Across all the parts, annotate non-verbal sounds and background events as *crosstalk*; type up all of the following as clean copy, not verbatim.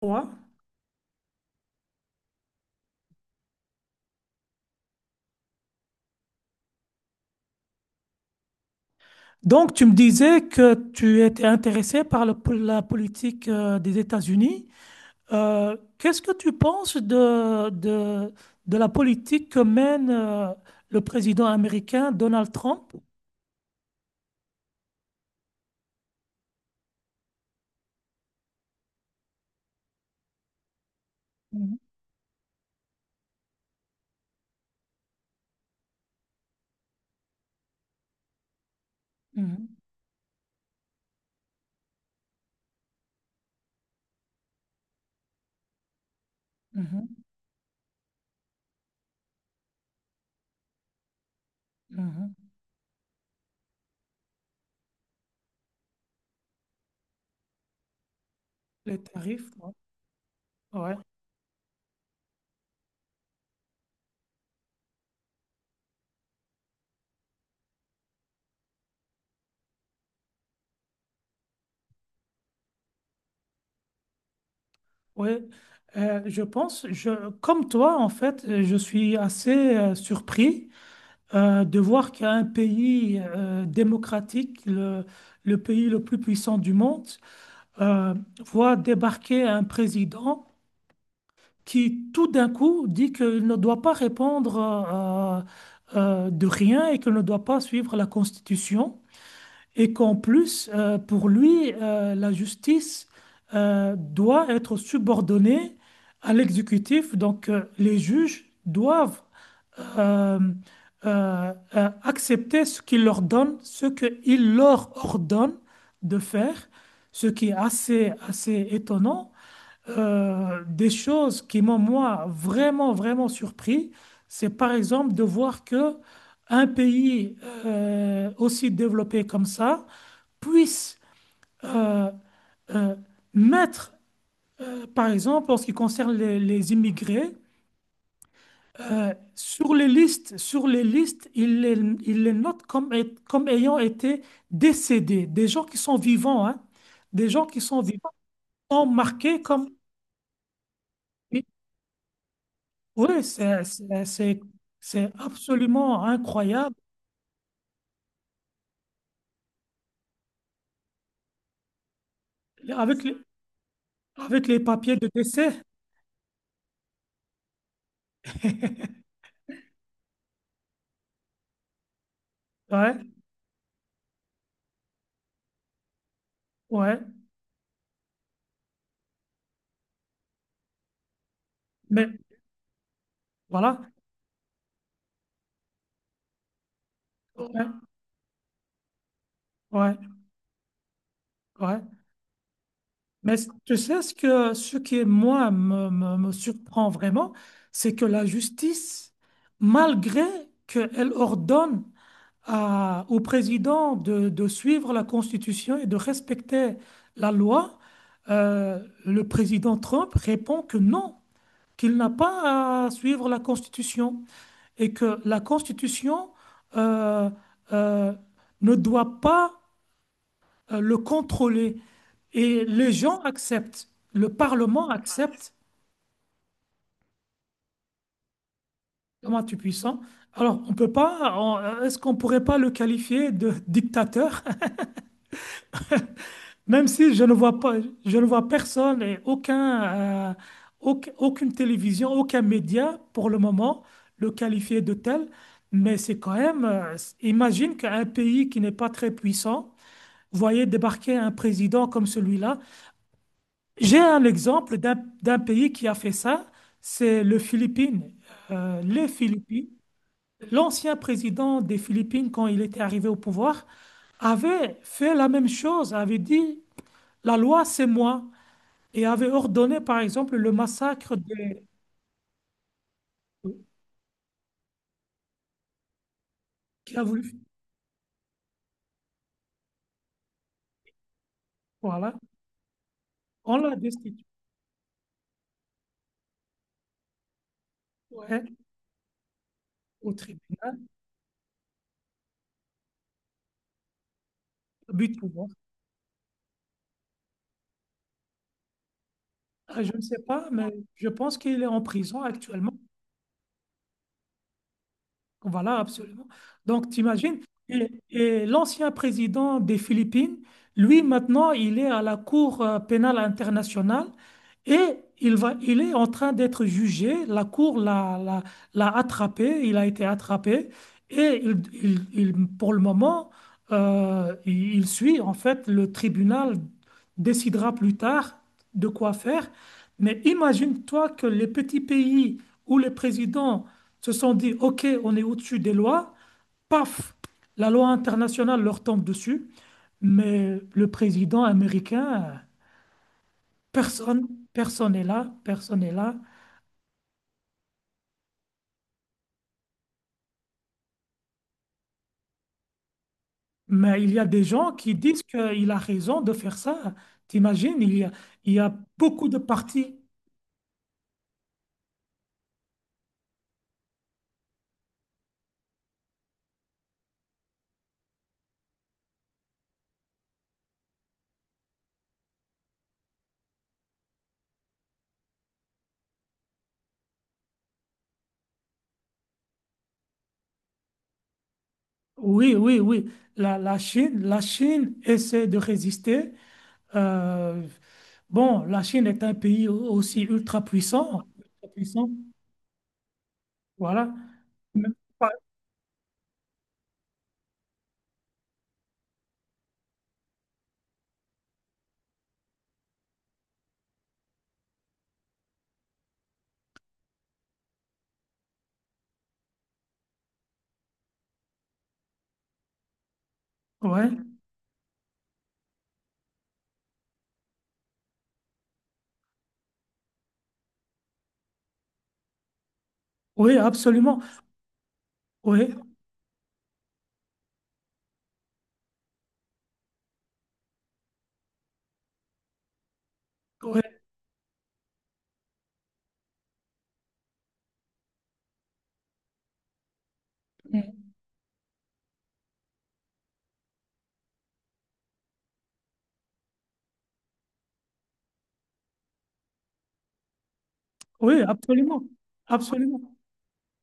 Ouais. Donc, tu me disais que tu étais intéressé par la politique des États-Unis. Qu'est-ce que tu penses de la politique que mène le président américain Donald Trump? Mhm, mhm, mhm, mhm. Les tarifs, ouais. Ouais, ouais. Je pense, comme toi, en fait, je suis assez surpris. De voir qu'un pays démocratique, le pays le plus puissant du monde, euh, voit débarquer un président qui tout d'un coup dit qu'il ne doit pas répondre de rien et qu'il ne doit pas suivre la Constitution et qu'en plus, pour lui, la justice doit être subordonnée à l'exécutif, donc les juges doivent euh, accepter ce qu'il leur donne, ce qu'il leur ordonne de faire, ce qui est assez, assez étonnant. Des choses qui m'ont, moi, vraiment, vraiment surpris, c'est par exemple de voir que un pays aussi développé comme ça puisse euh, euh, mettre, par exemple, en ce qui concerne les immigrés, sur les listes, il les note comme, comme ayant été décédés. Des gens qui sont vivants, hein. Des gens qui sont vivants sont marqués comme... Oui, oui, c'est absolument incroyable. Avec les, avec les papiers de décès. *laughs* Ouais, ouais. Mais voilà. Ouais, ouais, ouais. Mais tu sais, ce qui, moi, me surprend vraiment, c'est que la justice, malgré qu'elle ordonne au président de suivre la Constitution et de respecter la loi, le président Trump répond que non, qu'il n'a pas à suivre la Constitution et que la Constitution euh, euh, ne doit pas le contrôler. Et les gens acceptent, le Parlement accepte. Comment tu puissant. Alors, on peut pas, on- est-ce qu'on pourrait pas le qualifier de dictateur? *laughs* Même si je ne vois personne et aucune télévision, aucun média pour le moment le qualifier de tel. Mais c'est quand même, imagine qu'un pays qui n'est pas très puissant, voyez débarquer un président comme celui-là. J'ai un exemple d'un pays qui a fait ça, c'est le Philippines. Les Philippines, l'ancien président des Philippines, quand il était arrivé au pouvoir, avait fait la même chose, avait dit la loi, c'est moi, et avait ordonné, par exemple, le massacre des... qui a voulu. Voilà, on l'a destitué. Ouais, au tribunal, but de pouvoir. Je ne sais pas, mais je pense qu'il est en prison actuellement. Voilà, absolument. Donc, t'imagines, et l'ancien président des Philippines, lui, maintenant, il est à la Cour pénale internationale et il est en train d'être jugé. La Cour l'a attrapé, il a été attrapé et pour le moment, il suit, en fait, le tribunal décidera plus tard de quoi faire. Mais imagine-toi que les petits pays où les présidents se sont dit, OK, on est au-dessus des lois, paf, la loi internationale leur tombe dessus, mais le président américain, personne, personne n'est là, personne n'est là. Mais il y a des gens qui disent qu'il a raison de faire ça. T'imagines, il y a beaucoup de partis. Oui, oui, oui. La Chine essaie de résister. Euh, bon, la Chine est un pays aussi ultra puissant, voilà. Mais- ouais. Oui, absolument. Oui, oui, mm, oui, absolument. Absolument.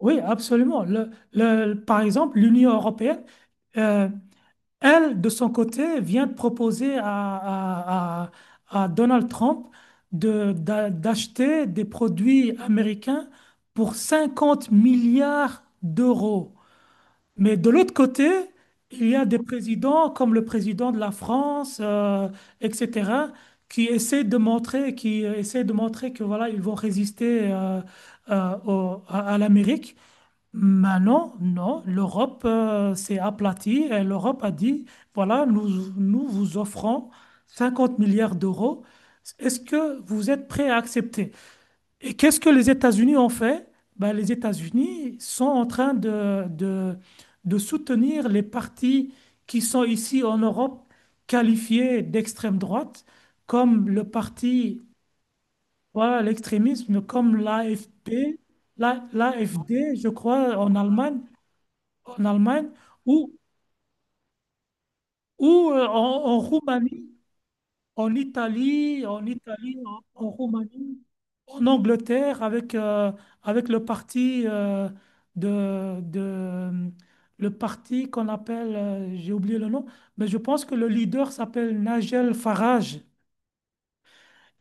Oui, absolument. Par exemple, l'Union européenne, euh, elle, de son côté, vient de proposer à Donald Trump d'acheter des produits américains pour 50 milliards d'euros. Mais de l'autre côté, il y a des présidents comme le président de la France, etc., qui essaient de montrer que voilà, ils vont résister à l'Amérique. Maintenant, non, l'Europe s'est aplatie et l'Europe a dit, voilà, nous, vous offrons 50 milliards d'euros. Est-ce que vous êtes prêts à accepter? Et qu'est-ce que les États-Unis ont fait? Ben, les États-Unis sont en train de soutenir les partis qui sont ici en Europe qualifiés d'extrême droite, comme le parti, voilà, l'extrémisme, comme l'AFP, l'AFD, je crois, en Allemagne, ou, ou en Roumanie, en Italie, en Roumanie. En Angleterre avec, avec le parti de le parti qu'on appelle, j'ai oublié le nom, mais je pense que le leader s'appelle Nigel Farage.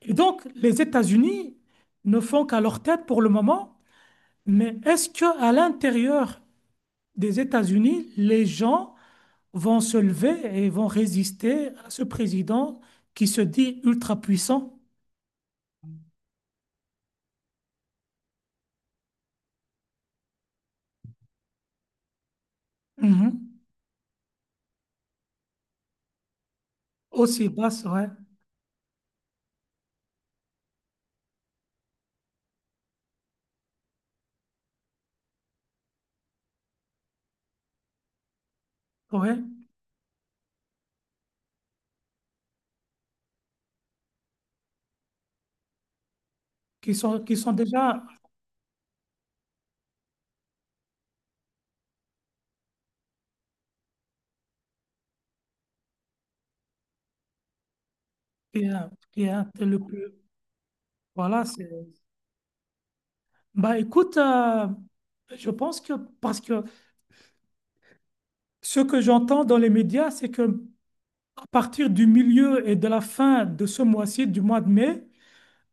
Et donc, les États-Unis ne font qu'à leur tête pour le moment, mais est-ce que à l'intérieur des États-Unis, les gens vont se lever et vont résister à ce président qui se dit ultra puissant? Mhm. Aussi basse, ouais, ouais, qui sont déjà qui est, qui est le plus. Voilà, c'est. Bah écoute, je pense que parce que ce que j'entends dans les médias, c'est que à partir du milieu et de la fin de ce mois-ci, du mois de mai,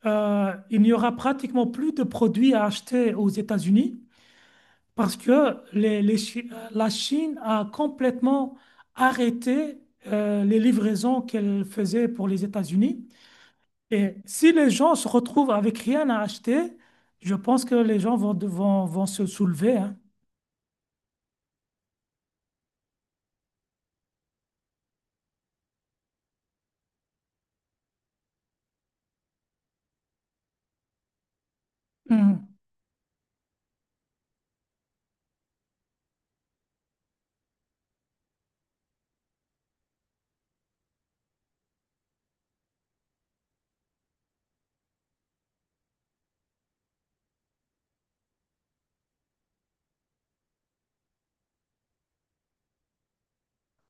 il n'y aura pratiquement plus de produits à acheter aux États-Unis parce que la Chine a complètement arrêté les livraisons qu'elle faisait pour les États-Unis. Et si les gens se retrouvent avec rien à acheter, je pense que les gens vont se soulever, hein. Mhm.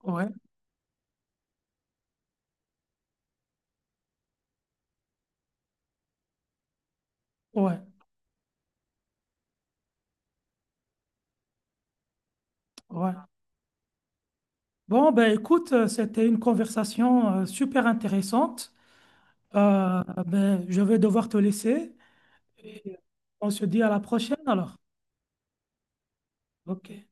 Ouais, ouais, ouais. Bon, ben écoute, c'était une conversation super intéressante. Ben, je vais devoir te laisser. Et on se dit à la prochaine alors. OK.